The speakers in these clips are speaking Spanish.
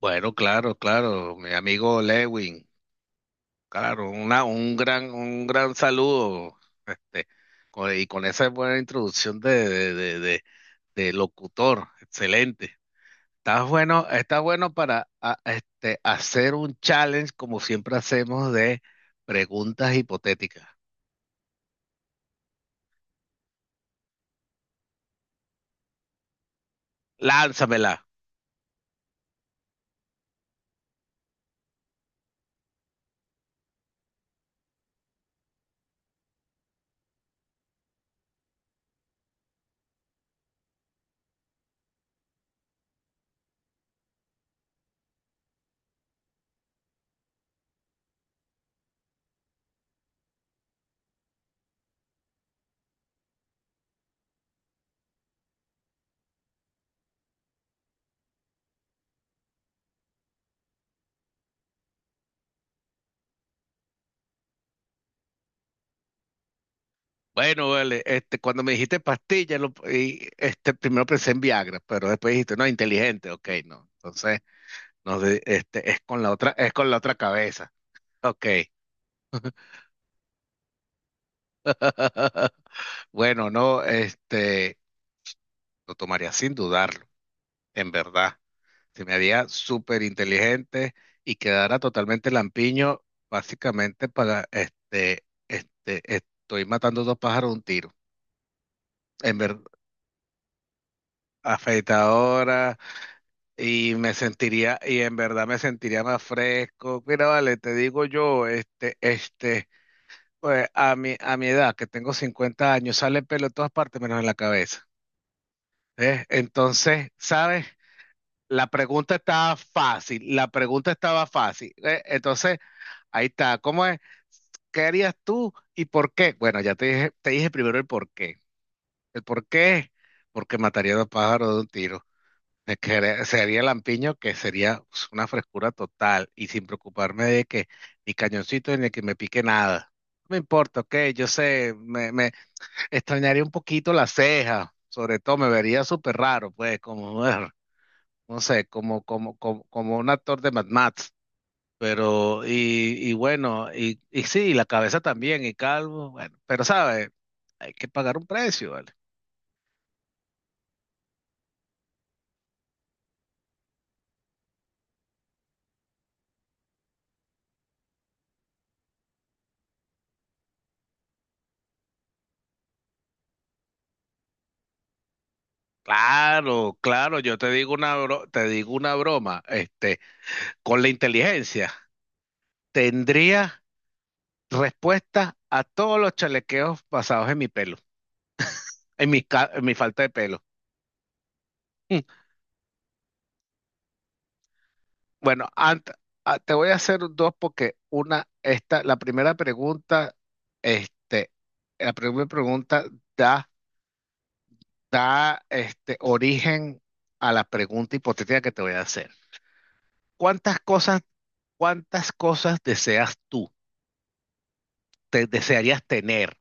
Bueno, claro, claro, mi amigo Lewin, claro, una, un gran saludo, este, con esa buena introducción de locutor, excelente. Estás bueno para hacer un challenge como siempre hacemos de preguntas hipotéticas. Lánzamela. Bueno, vale, cuando me dijiste pastilla, primero pensé en Viagra, pero después dijiste, no, inteligente, ok, no. Entonces. No sé, es con la otra cabeza. Ok. Bueno, no, lo tomaría sin dudarlo, en verdad. Se me haría súper inteligente y quedara totalmente lampiño, básicamente para, estoy matando dos pájaros de un tiro. En verdad, afeitadora y me sentiría, y en verdad me sentiría más fresco. Mira, vale, te digo yo, Pues a mi edad, que tengo 50 años, sale pelo en todas partes menos en la cabeza. ¿Eh? Entonces, ¿sabes? La pregunta estaba fácil, la pregunta estaba fácil. ¿Eh? Entonces, ahí está. ¿Cómo es? ¿Qué harías tú y por qué? Bueno, ya te dije primero el por qué. El por qué es porque mataría a dos pájaros de un tiro. Sería lampiño que sería, pues, una frescura total y sin preocuparme de que ni cañoncito ni que me pique nada. No me importa, ok, yo sé, extrañaría un poquito las cejas, sobre todo me vería súper raro, pues, no sé, como un actor de Mad Max, pero, bueno, sí, la cabeza también, y calvo, bueno, pero sabe, hay que pagar un precio, ¿vale? Claro, claro, yo te digo te digo una broma, con la inteligencia. Tendría respuesta a todos los chalequeos basados en mi pelo, en mi falta de pelo. Mm. Bueno, te voy a hacer dos porque una, esta, la primera pregunta, este, la primera pregunta da, da origen a la pregunta hipotética que te voy a hacer. ¿Cuántas cosas, ¿cuántas cosas deseas tú, te desearías tener?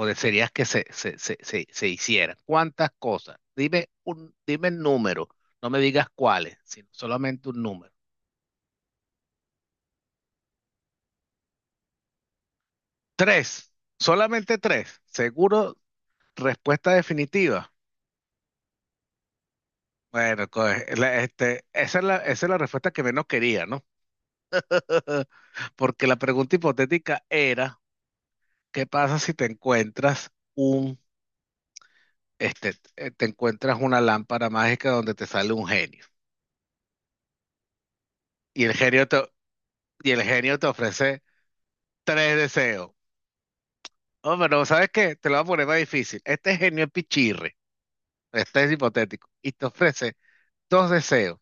O de series que se hicieran. ¿Cuántas cosas? Dime el número, no me digas cuáles, sino solamente un número. Tres, solamente tres. Seguro, respuesta definitiva. Bueno, esa es la respuesta que menos quería, ¿no? Porque la pregunta hipotética era, ¿qué pasa si te encuentras te encuentras una lámpara mágica donde te sale un genio? Y el genio te, y el genio te ofrece tres deseos. Oh, pero ¿sabes qué? Te lo voy a poner más difícil. Este genio es pichirre, este es hipotético, y te ofrece dos deseos.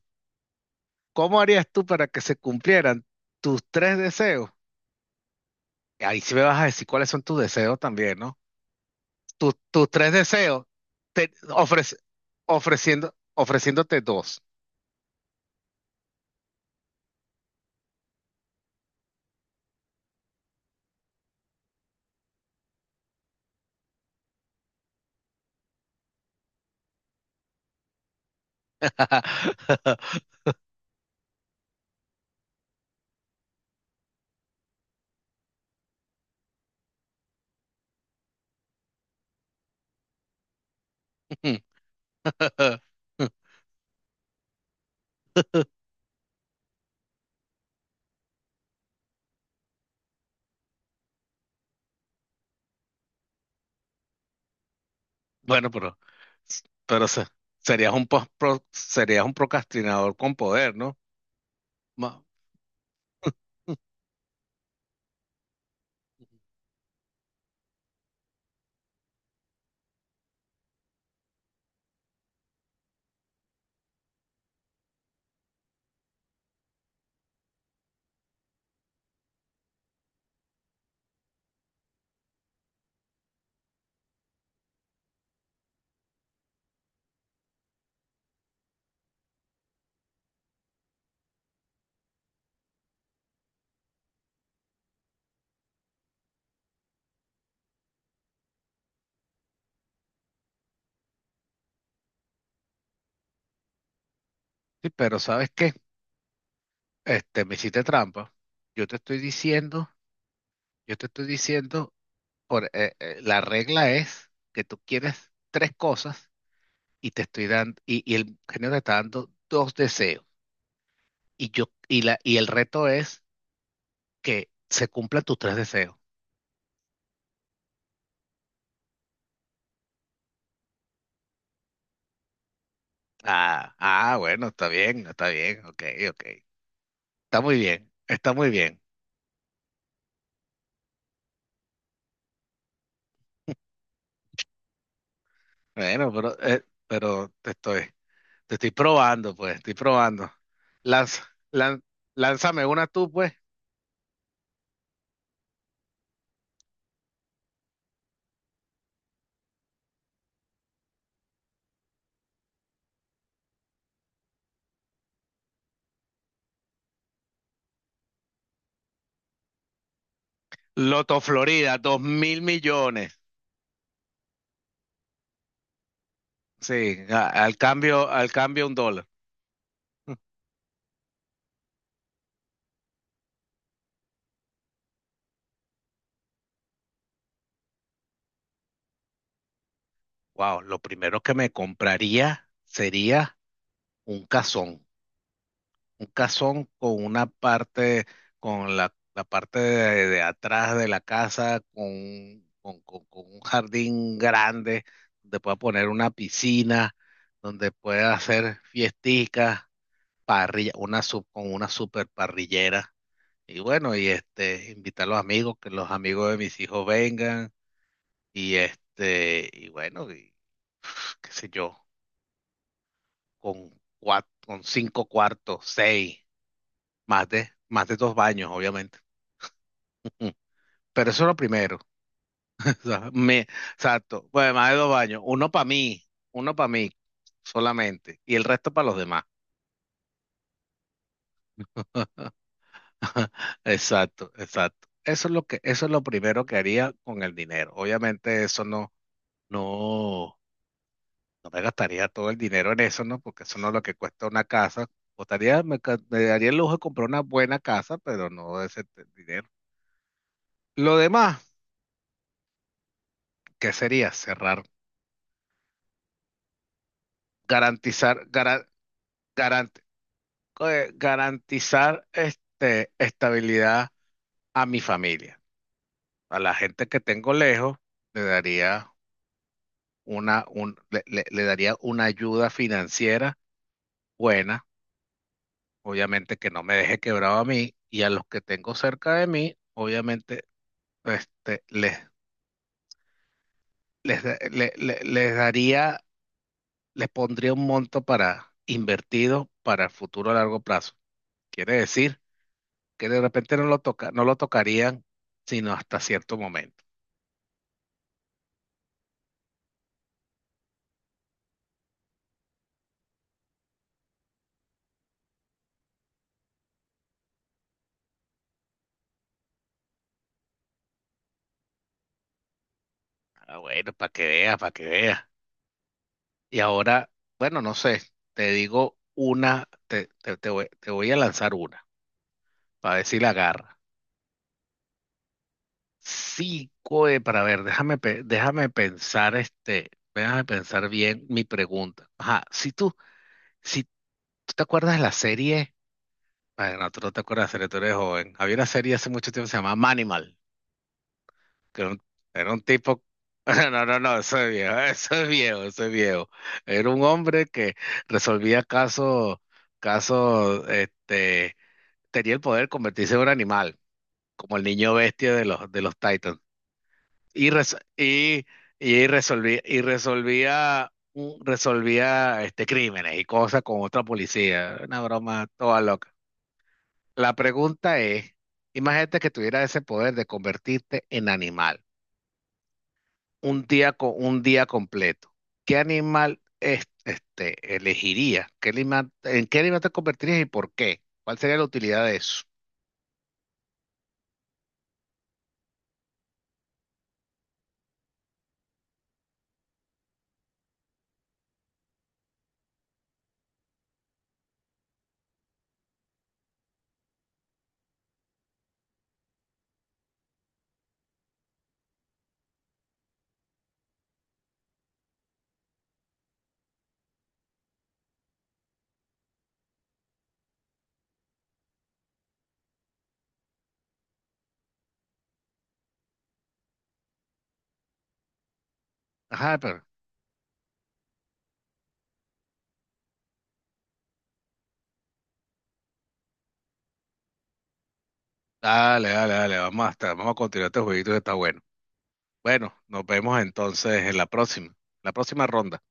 ¿Cómo harías tú para que se cumplieran tus tres deseos? Ahí sí me vas a decir cuáles son tus deseos también, ¿no? Tus tres deseos, te ofrece- ofreciendo, ofreciéndote dos. Bueno, pero se- serías un, pos- pro- serías un procrastinador con poder, ¿no? Ma- Ujú. Sí, pero ¿sabes qué? Este, me hiciste trampa. Yo te estoy diciendo, yo te estoy diciendo, la regla es que tú quieres tres cosas y te estoy dando, el genio te está dando dos deseos. Y el reto es que se cumplan tus tres deseos. Bueno, está bien, ok, ok. Está muy bien, está muy bien. Bueno, te estoy probando, pues, estoy probando. Lanza, lan- lánzame una tú, pues. Loto Florida, dos mil millones. Sí, al cambio un dólar. Wow, lo primero que me compraría sería un cazón. Un casón con una parte, con la parte de atrás de la casa, con un jardín grande, donde pueda poner una piscina, donde pueda hacer fiesticas, parrilla, una sub, con una super parrillera. Y bueno, y este, invitar a los amigos, que los amigos de mis hijos vengan, y este, y bueno, y qué sé yo, con con cinco cuartos, seis, más de dos baños, obviamente. Pero eso es lo primero. O sea, me, exacto. Bueno, además de dos baños. Uno para mí solamente. Y el resto para los demás. Exacto, exacto. Eso es lo que, eso es lo primero que haría con el dinero. Obviamente eso no, no, no me gastaría todo el dinero en eso, ¿no? Porque eso no es lo que cuesta una casa. Costaría, me daría el lujo de comprar una buena casa, pero no de ese dinero. Lo demás, ¿qué sería? Cerrar, garantizar, garantizar este, estabilidad a mi familia. A la gente que tengo lejos, le daría una, un- le- le daría una ayuda financiera buena, obviamente que no me deje quebrado a mí, y a los que tengo cerca de mí, obviamente este, les, da- le- le- les daría, les pondría un monto para invertido para el futuro a largo plazo. Quiere decir que de repente no lo tocarían sino hasta cierto momento. Ah, bueno, para que vea, para que vea. Y ahora, bueno, no sé, te digo una, te voy a lanzar una, para ver si la agarra. Sí, coe, para ver, déjame pensar, este, déjame pensar bien mi pregunta. Ajá, si tú, si tú te acuerdas de la serie, bueno, tú no te acuerdas de la serie, tú eres joven. Había una serie hace mucho tiempo que se llamaba Manimal. Que era un tipo, no, no, no, eso es viejo, eso es viejo. Era un hombre que resolvía casos, casos, este, tenía el poder de convertirse en un animal, como el niño bestia de de los Titans. Y, resolvía, resolvía este, crímenes y cosas con otra policía. Una broma toda loca. La pregunta es, imagínate que tuviera ese poder de convertirte en animal. Un día, un día completo, ¿qué animal es- este, elegirías? ¿Qué animal, en qué animal te convertirías y por qué? ¿Cuál sería la utilidad de eso? Ajá, pero dale, vamos a continuar este jueguito que está bueno. Bueno, nos vemos entonces en la próxima ronda.